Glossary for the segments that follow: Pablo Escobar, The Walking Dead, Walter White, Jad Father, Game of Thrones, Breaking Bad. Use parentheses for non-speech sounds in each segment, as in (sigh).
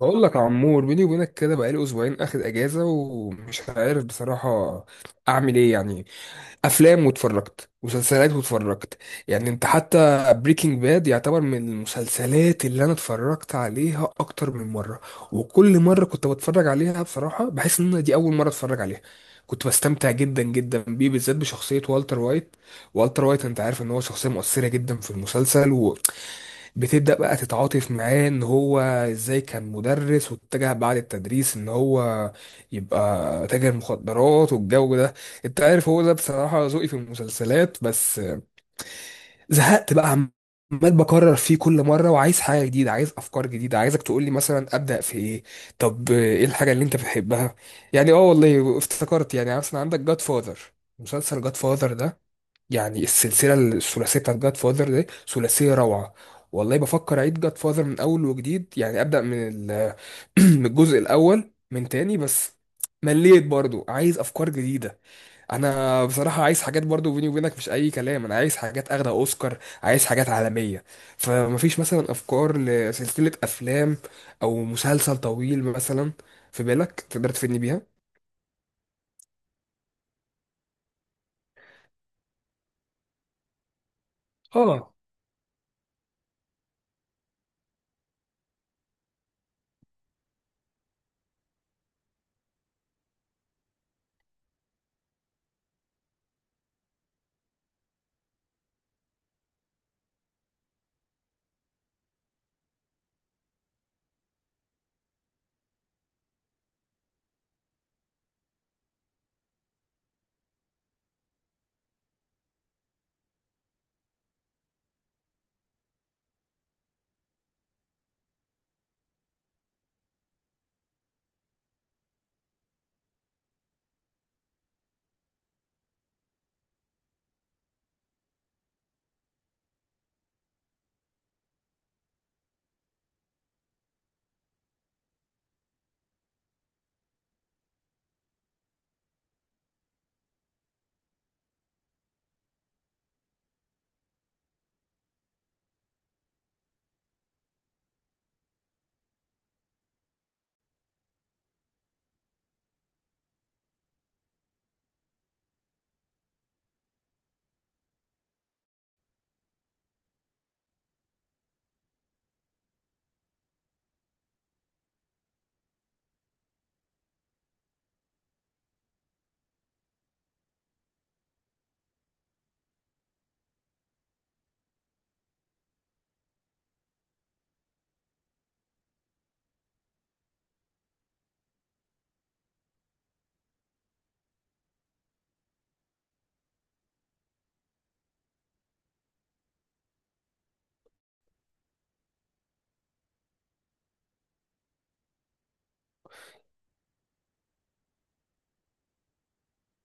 بقول لك يا عمور، بيني وبينك كده بقالي اسبوعين اخد اجازه ومش عارف بصراحه اعمل ايه. يعني افلام واتفرجت، مسلسلات واتفرجت. يعني انت حتى بريكنج باد يعتبر من المسلسلات اللي انا اتفرجت عليها اكتر من مره، وكل مره كنت بتفرج عليها بصراحه بحس ان دي اول مره اتفرج عليها. كنت بستمتع جدا جدا بيه، بالذات بشخصيه والتر وايت. والتر وايت انت عارف ان هو شخصيه مؤثره جدا في المسلسل. بتبدأ بقى تتعاطف معاه ان هو ازاي كان مدرس واتجه بعد التدريس ان هو يبقى تاجر مخدرات والجو ده. انت عارف، هو ده بصراحة ذوقي في المسلسلات. بس زهقت بقى، عمال بكرر فيه كل مرة، وعايز حاجة جديدة، عايز افكار جديدة. عايزك تقولي مثلا ابدأ في ايه؟ طب ايه الحاجة اللي انت بتحبها؟ يعني اه، والله افتكرت، يعني مثلا عندك جاد فاذر. مسلسل جاد فاذر ده، يعني السلسله الثلاثيه بتاعت جاد فاذر دي ثلاثيه روعه. والله بفكر اعيد جاد فاذر من اول وجديد، يعني ابدا من (clears throat) من الجزء الاول من تاني. بس مليت برضو، عايز افكار جديده. انا بصراحه عايز حاجات، برضو بيني وبينك مش اي كلام، انا عايز حاجات اخده اوسكار، عايز حاجات عالميه. فمفيش مثلا افكار لسلسله افلام او مسلسل طويل مثلا في بالك تقدر تفيدني بيها؟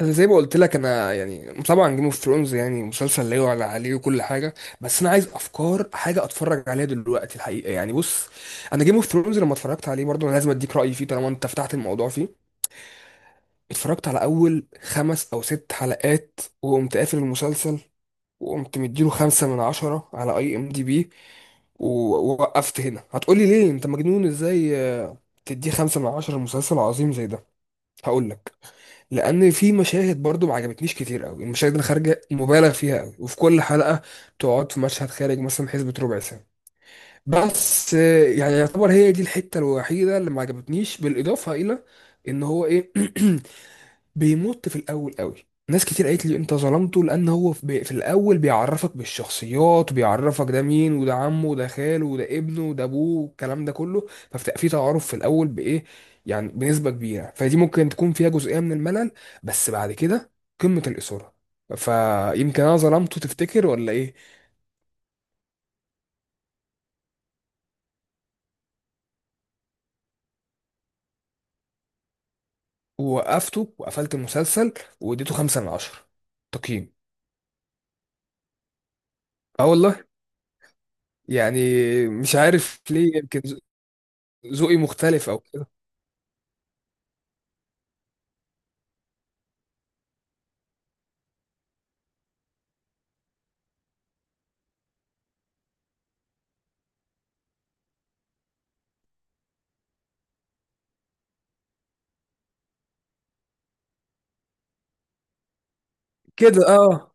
انا زي ما قلت لك، انا يعني طبعا جيم اوف ثرونز يعني مسلسل لا يعلى عليه وكل حاجه، بس انا عايز افكار حاجه اتفرج عليها دلوقتي الحقيقه. يعني بص، انا جيم اوف ثرونز لما اتفرجت عليه برضه، انا لازم اديك رايي فيه طالما انت فتحت الموضوع فيه. اتفرجت على اول خمس او ست حلقات، وقمت قافل المسلسل، وقمت مديله 5/10 على اي ام دي بي. ووقفت هنا. هتقولي ليه انت مجنون ازاي؟ تديه 5/10 لمسلسل عظيم زي ده؟ هقولك، لان في مشاهد برضو ما عجبتنيش كتير قوي. المشاهد اللي خارجه مبالغ فيها قوي، وفي كل حلقه تقعد في مشهد خارج مثلا حسبة ربع ساعه. بس يعني يعتبر هي دي الحته الوحيده اللي ما عجبتنيش، بالاضافه الى ان هو ايه، (clears throat) بيمط في الاول قوي. ناس كتير قالت لي انت ظلمته، لان هو في في الاول بيعرفك بالشخصيات، وبيعرفك ده مين وده عمه وده خاله وده ابنه وده ابوه والكلام ده كله، فبتبقى في تعارف في الاول بايه، يعني بنسبه كبيره، فدي ممكن تكون فيها جزئيه من الملل. بس بعد كده قمه الاثاره. فيمكن انا ظلمته، تفتكر ولا ايه؟ ووقفته وقفلت المسلسل واديته 5/10 تقييم. اه والله يعني، مش عارف ليه. يمكن ذوقي مختلف او كده، اه.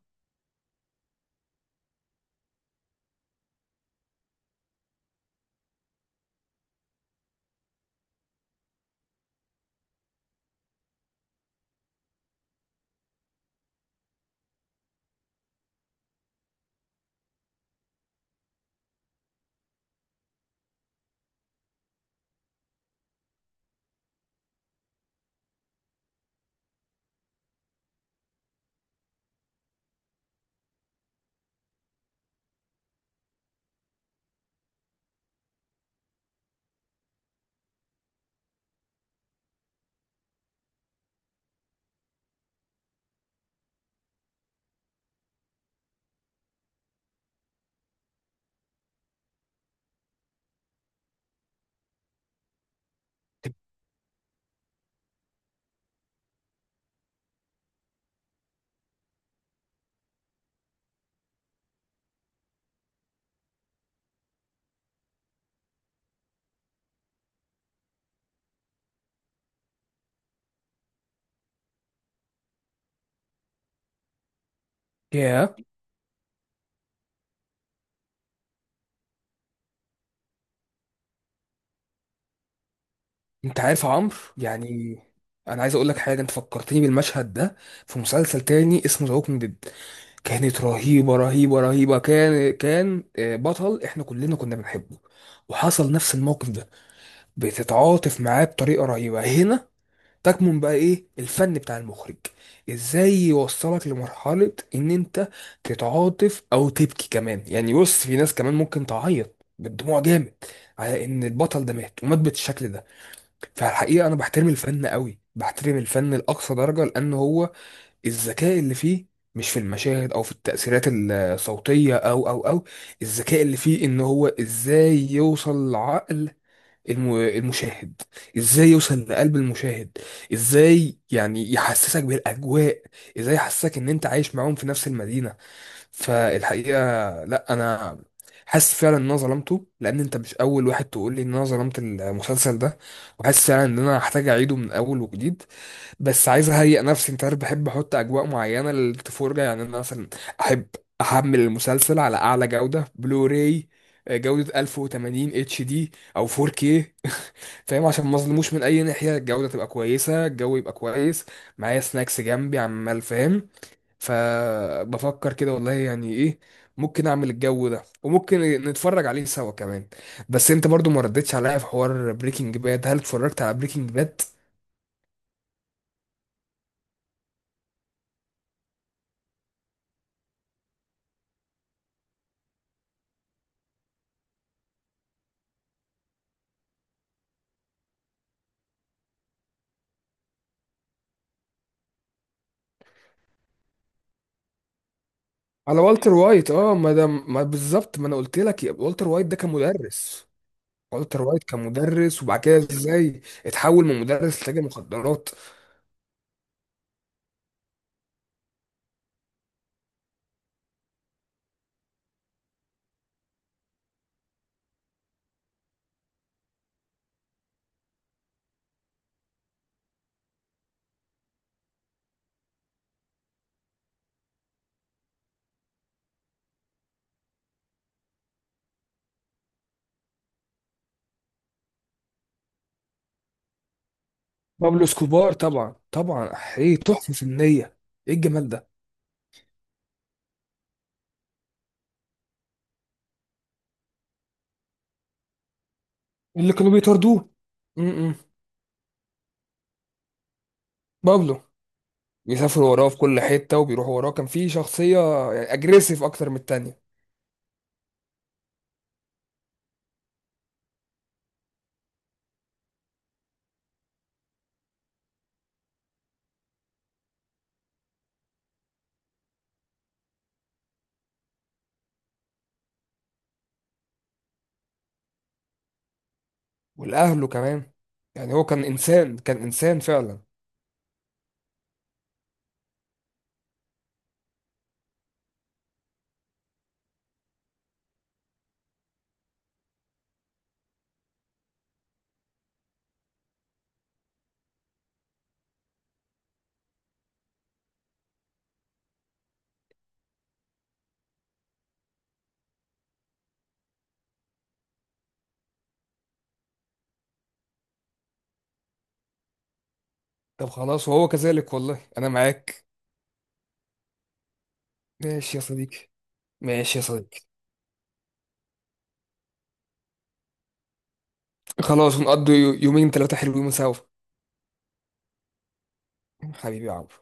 ياه، انت عارف يا عمرو، يعني انا عايز اقول لك حاجه. انت فكرتني بالمشهد ده في مسلسل تاني اسمه ذا ووكينج ديد. كانت رهيبه رهيبه رهيبه. كان كان بطل احنا كلنا كنا بنحبه، وحصل نفس الموقف ده. بتتعاطف معاه بطريقه رهيبه. هنا تكمن بقى ايه الفن بتاع المخرج، ازاي يوصلك لمرحله ان انت تتعاطف او تبكي كمان. يعني بص، في ناس كمان ممكن تعيط بالدموع جامد على ان البطل ده مات ومات بالشكل ده. فالحقيقة أنا بحترم الفن قوي، بحترم الفن لأقصى درجة، لأن هو الذكاء اللي فيه مش في المشاهد أو في التأثيرات الصوتية أو الذكاء اللي فيه إن هو إزاي يوصل لعقل المشاهد، إزاي يوصل لقلب المشاهد، إزاي يعني يحسسك بالأجواء، إزاي يحسسك إن أنت عايش معاهم في نفس المدينة. فالحقيقه لا، انا حاسس فعلا ان انا ظلمته، لان انت مش اول واحد تقول لي ان انا ظلمت المسلسل ده. وحاسس فعلا ان انا هحتاج اعيده من اول وجديد. بس عايز اهيئ نفسي، انت عارف بحب احط اجواء معينه للتفرجه. يعني انا مثلا احب احمل المسلسل على اعلى جوده بلوراي، جوده 1080 اتش دي او 4K (laughs) فاهم؟ عشان ما اظلموش من اي ناحيه، الجوده تبقى كويسه، الجو يبقى كويس، معايا سناكس جنبي عمال، فاهم. فبفكر كده والله، يعني ايه، ممكن اعمل الجو ده وممكن نتفرج عليه سوا كمان. بس انت برضو ما ردتش عليا في حوار بريكنج باد، هل اتفرجت على بريكنج باد؟ على والتر وايت، اه. ما ده ما بالظبط ما انا قلت لك، والتر وايت ده كان مدرس. والتر وايت كان مدرس، وبعد كده ازاي اتحول من مدرس لتاجر مخدرات. بابلو اسكوبار، طبعا طبعا. ايه تحفة فنية، ايه الجمال ده. اللي كانوا بيطاردوه، م- م. بابلو. بيسافروا وراه في كل حتة وبيروحوا وراه. كان في شخصية يعني أجريسيف أكتر من التانية. والأهله كمان، يعني هو كان إنسان، كان إنسان فعلا. طب خلاص، وهو كذلك والله أنا معاك. ماشي يا صديقي، ماشي يا صديقي. خلاص، ونقضي يومين ثلاثة حلوين سوا. حبيبي يا عمرو.